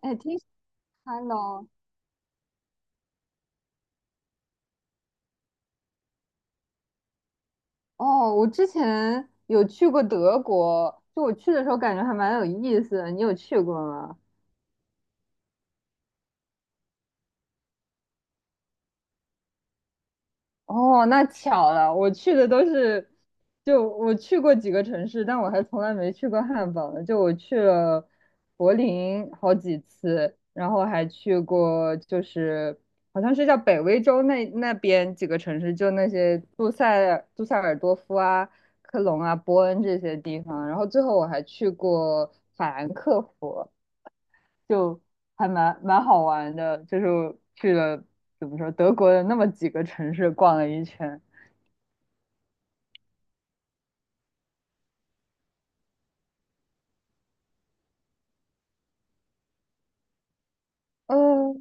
哎，挺喜欢的哦。哦，我之前有去过德国，就我去的时候感觉还蛮有意思的。你有去过吗？哦，那巧了，我去的都是，就我去过几个城市，但我还从来没去过汉堡呢。就我去了柏林好几次，然后还去过就是好像是叫北威州那边几个城市，就那些杜塞尔多夫啊、科隆啊、波恩这些地方。然后最后我还去过法兰克福，就还蛮好玩的，就是去了怎么说德国的那么几个城市逛了一圈。呃，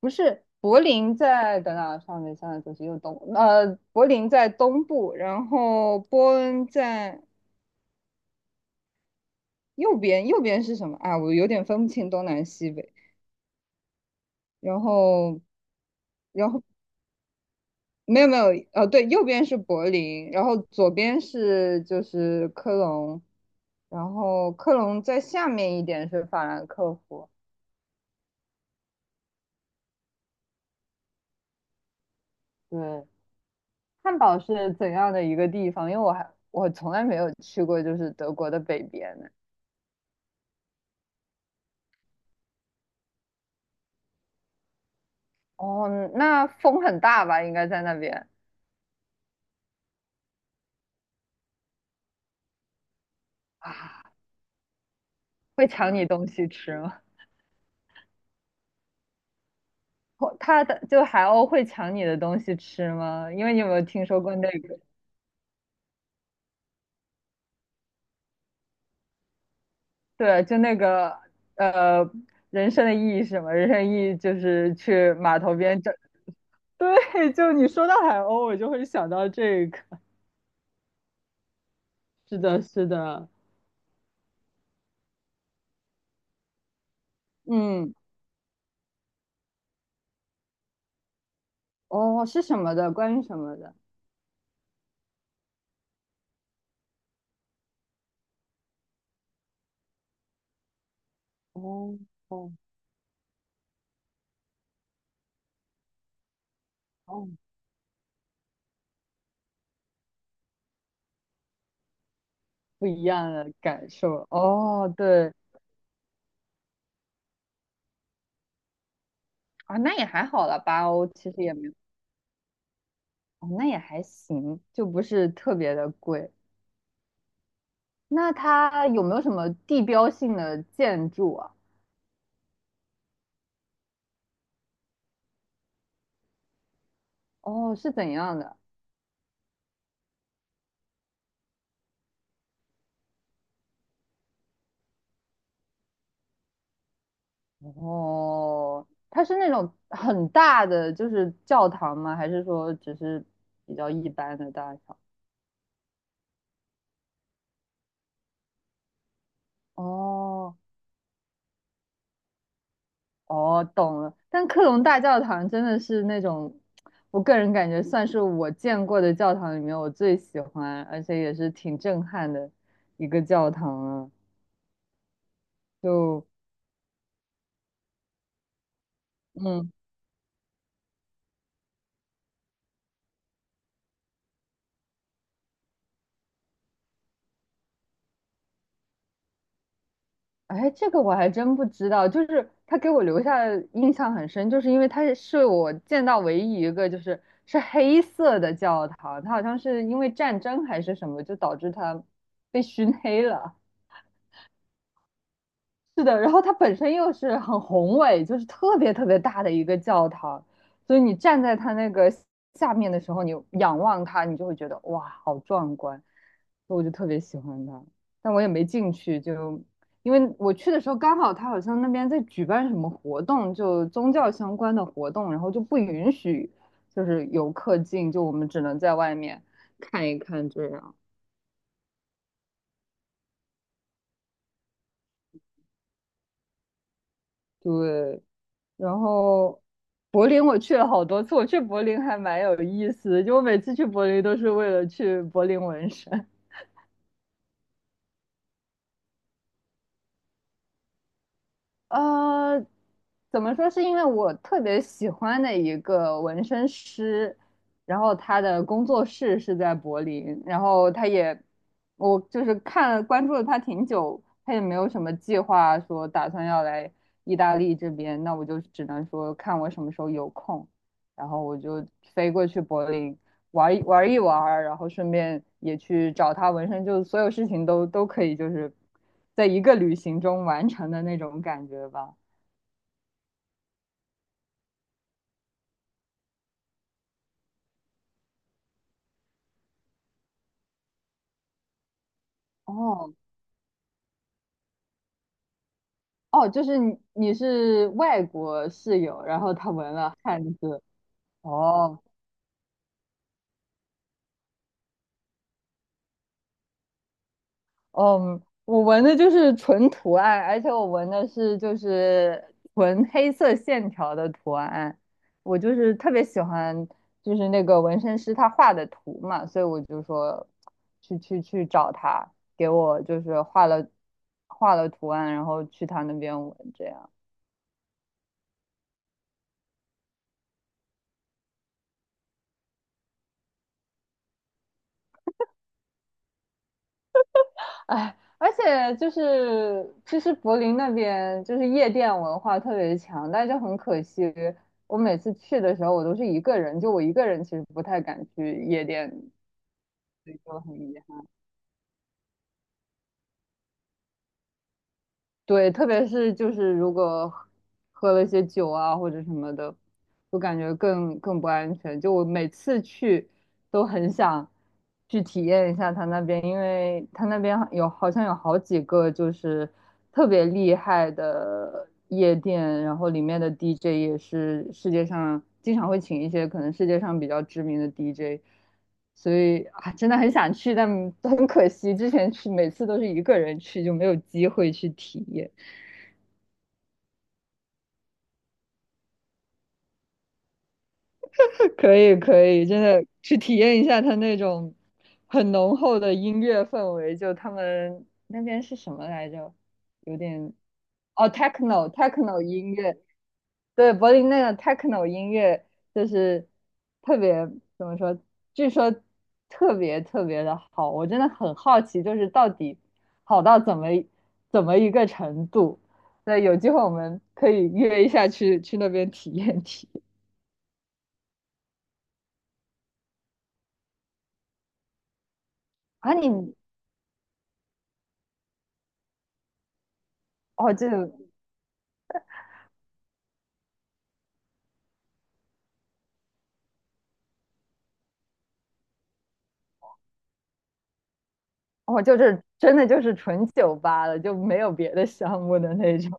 不是，柏林在等等，上面现在就是右东，柏林在东部，然后波恩在右边，右边是什么啊？我有点分不清东南西北。然后，然后没有没有，对，右边是柏林，然后左边是就是科隆，然后科隆在下面一点是法兰克福。对，汉堡是怎样的一个地方？因为我从来没有去过，就是德国的北边呢。哦，那风很大吧？应该在那边啊，会抢你东西吃吗？哦，它的就海鸥会抢你的东西吃吗？因为你有没有听说过那个？对，就那个呃，人生的意义是什么？人生的意义就是去码头边找。对，就你说到海鸥，我就会想到这个。是的，是的，嗯，哦，是什么的？关于什么的？哦哦哦，不一样的感受。哦，对，啊，那也还好了，八欧其实也没有，哦，那也还行，就不是特别的贵。那它有没有什么地标性的建筑啊？哦，是怎样的？哦，它是那种很大的，就是教堂吗？还是说只是比较一般的大小？哦，哦，懂了。但克隆大教堂真的是那种，我个人感觉算是我见过的教堂里面我最喜欢，而且也是挺震撼的一个教堂了。就，嗯，哎，这个我还真不知道。就是他给我留下的印象很深，就是因为他是我见到唯一一个就是是黑色的教堂，它好像是因为战争还是什么，就导致它被熏黑了。是的，然后它本身又是很宏伟，就是特别特别大的一个教堂，所以你站在它那个下面的时候，你仰望它，你就会觉得哇，好壮观，所以我就特别喜欢它，但我也没进去，就因为我去的时候刚好它好像那边在举办什么活动，就宗教相关的活动，然后就不允许就是游客进，就我们只能在外面看一看这样。对，然后柏林我去了好多次，我去柏林还蛮有意思的，就我每次去柏林都是为了去柏林纹身。呃，怎么说？是因为我特别喜欢的一个纹身师，然后他的工作室是在柏林，然后他也，我就是看了关注了他挺久，他也没有什么计划说打算要来意大利这边，那我就只能说看我什么时候有空，然后我就飞过去柏林玩一玩,然后顺便也去找他纹身，就所有事情都可以，就是在一个旅行中完成的那种感觉吧。哦哦，就是你是外国室友，然后他纹了汉字。哦嗯，我纹的就是纯图案，而且我纹的是就是纯黑色线条的图案。我就是特别喜欢，就是那个纹身师他画的图嘛，所以我就说去找他，给我就是画了图案，然后去他那边纹这样。哎，而且就是，其实柏林那边就是夜店文化特别强，但就很可惜，我每次去的时候我都是一个人，就我一个人其实不太敢去夜店，所以就很遗憾。对，特别是就是如果喝了些酒啊或者什么的，我感觉更不安全。就我每次去都很想去体验一下他那边，因为他那边有好像有好几个就是特别厉害的夜店，然后里面的 DJ 也是世界上经常会请一些可能世界上比较知名的 DJ，所以啊真的很想去，但很可惜之前去每次都是一个人去，就没有机会去体验。可以可以，真的去体验一下它那种很浓厚的音乐氛围。就他们那边是什么来着？有点哦，techno 音乐，对，柏林那个 techno 音乐就是特别怎么说？据说特别特别的好，我真的很好奇，就是到底好到怎么一个程度？对，有机会我们可以约一下去那边体验体验啊你！哦，这个哦，就是真的就是纯酒吧了，就没有别的项目的那种。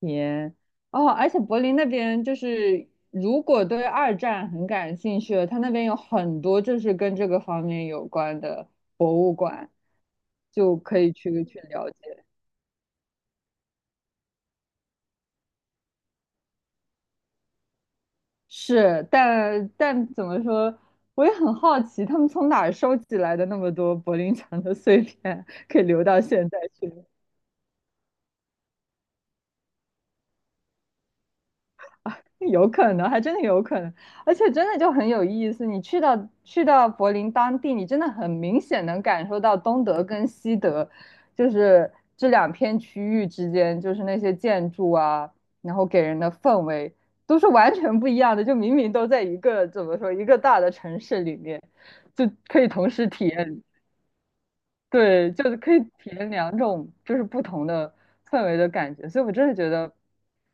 天，哦，而且柏林那边就是，如果对二战很感兴趣的，他那边有很多就是跟这个方面有关的博物馆，就可以去了解。是，但怎么说，我也很好奇，他们从哪儿收集来的那么多柏林墙的碎片，可以留到现在去。有可能，还真的有可能，而且真的就很有意思。你去到柏林当地，你真的很明显能感受到东德跟西德，就是这两片区域之间，就是那些建筑啊，然后给人的氛围都是完全不一样的。就明明都在一个怎么说一个大的城市里面，就可以同时体验。对，就是可以体验两种就是不同的氛围的感觉，所以我真的觉得，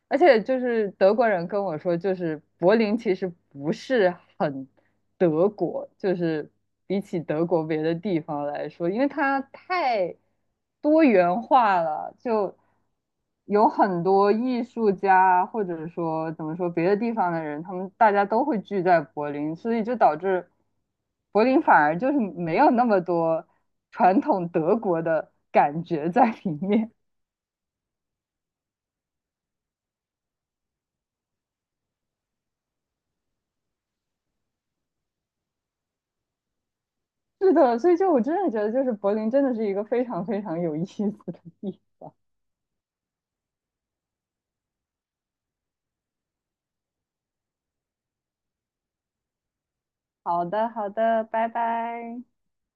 而且就是德国人跟我说，就是柏林其实不是很德国，就是比起德国别的地方来说，因为它太多元化了，就。有很多艺术家，或者说怎么说别的地方的人，他们大家都会聚在柏林，所以就导致柏林反而就是没有那么多传统德国的感觉在里面。是的，所以就我真的觉得，就是柏林真的是一个非常非常有意思的地方。好的，好的，拜拜。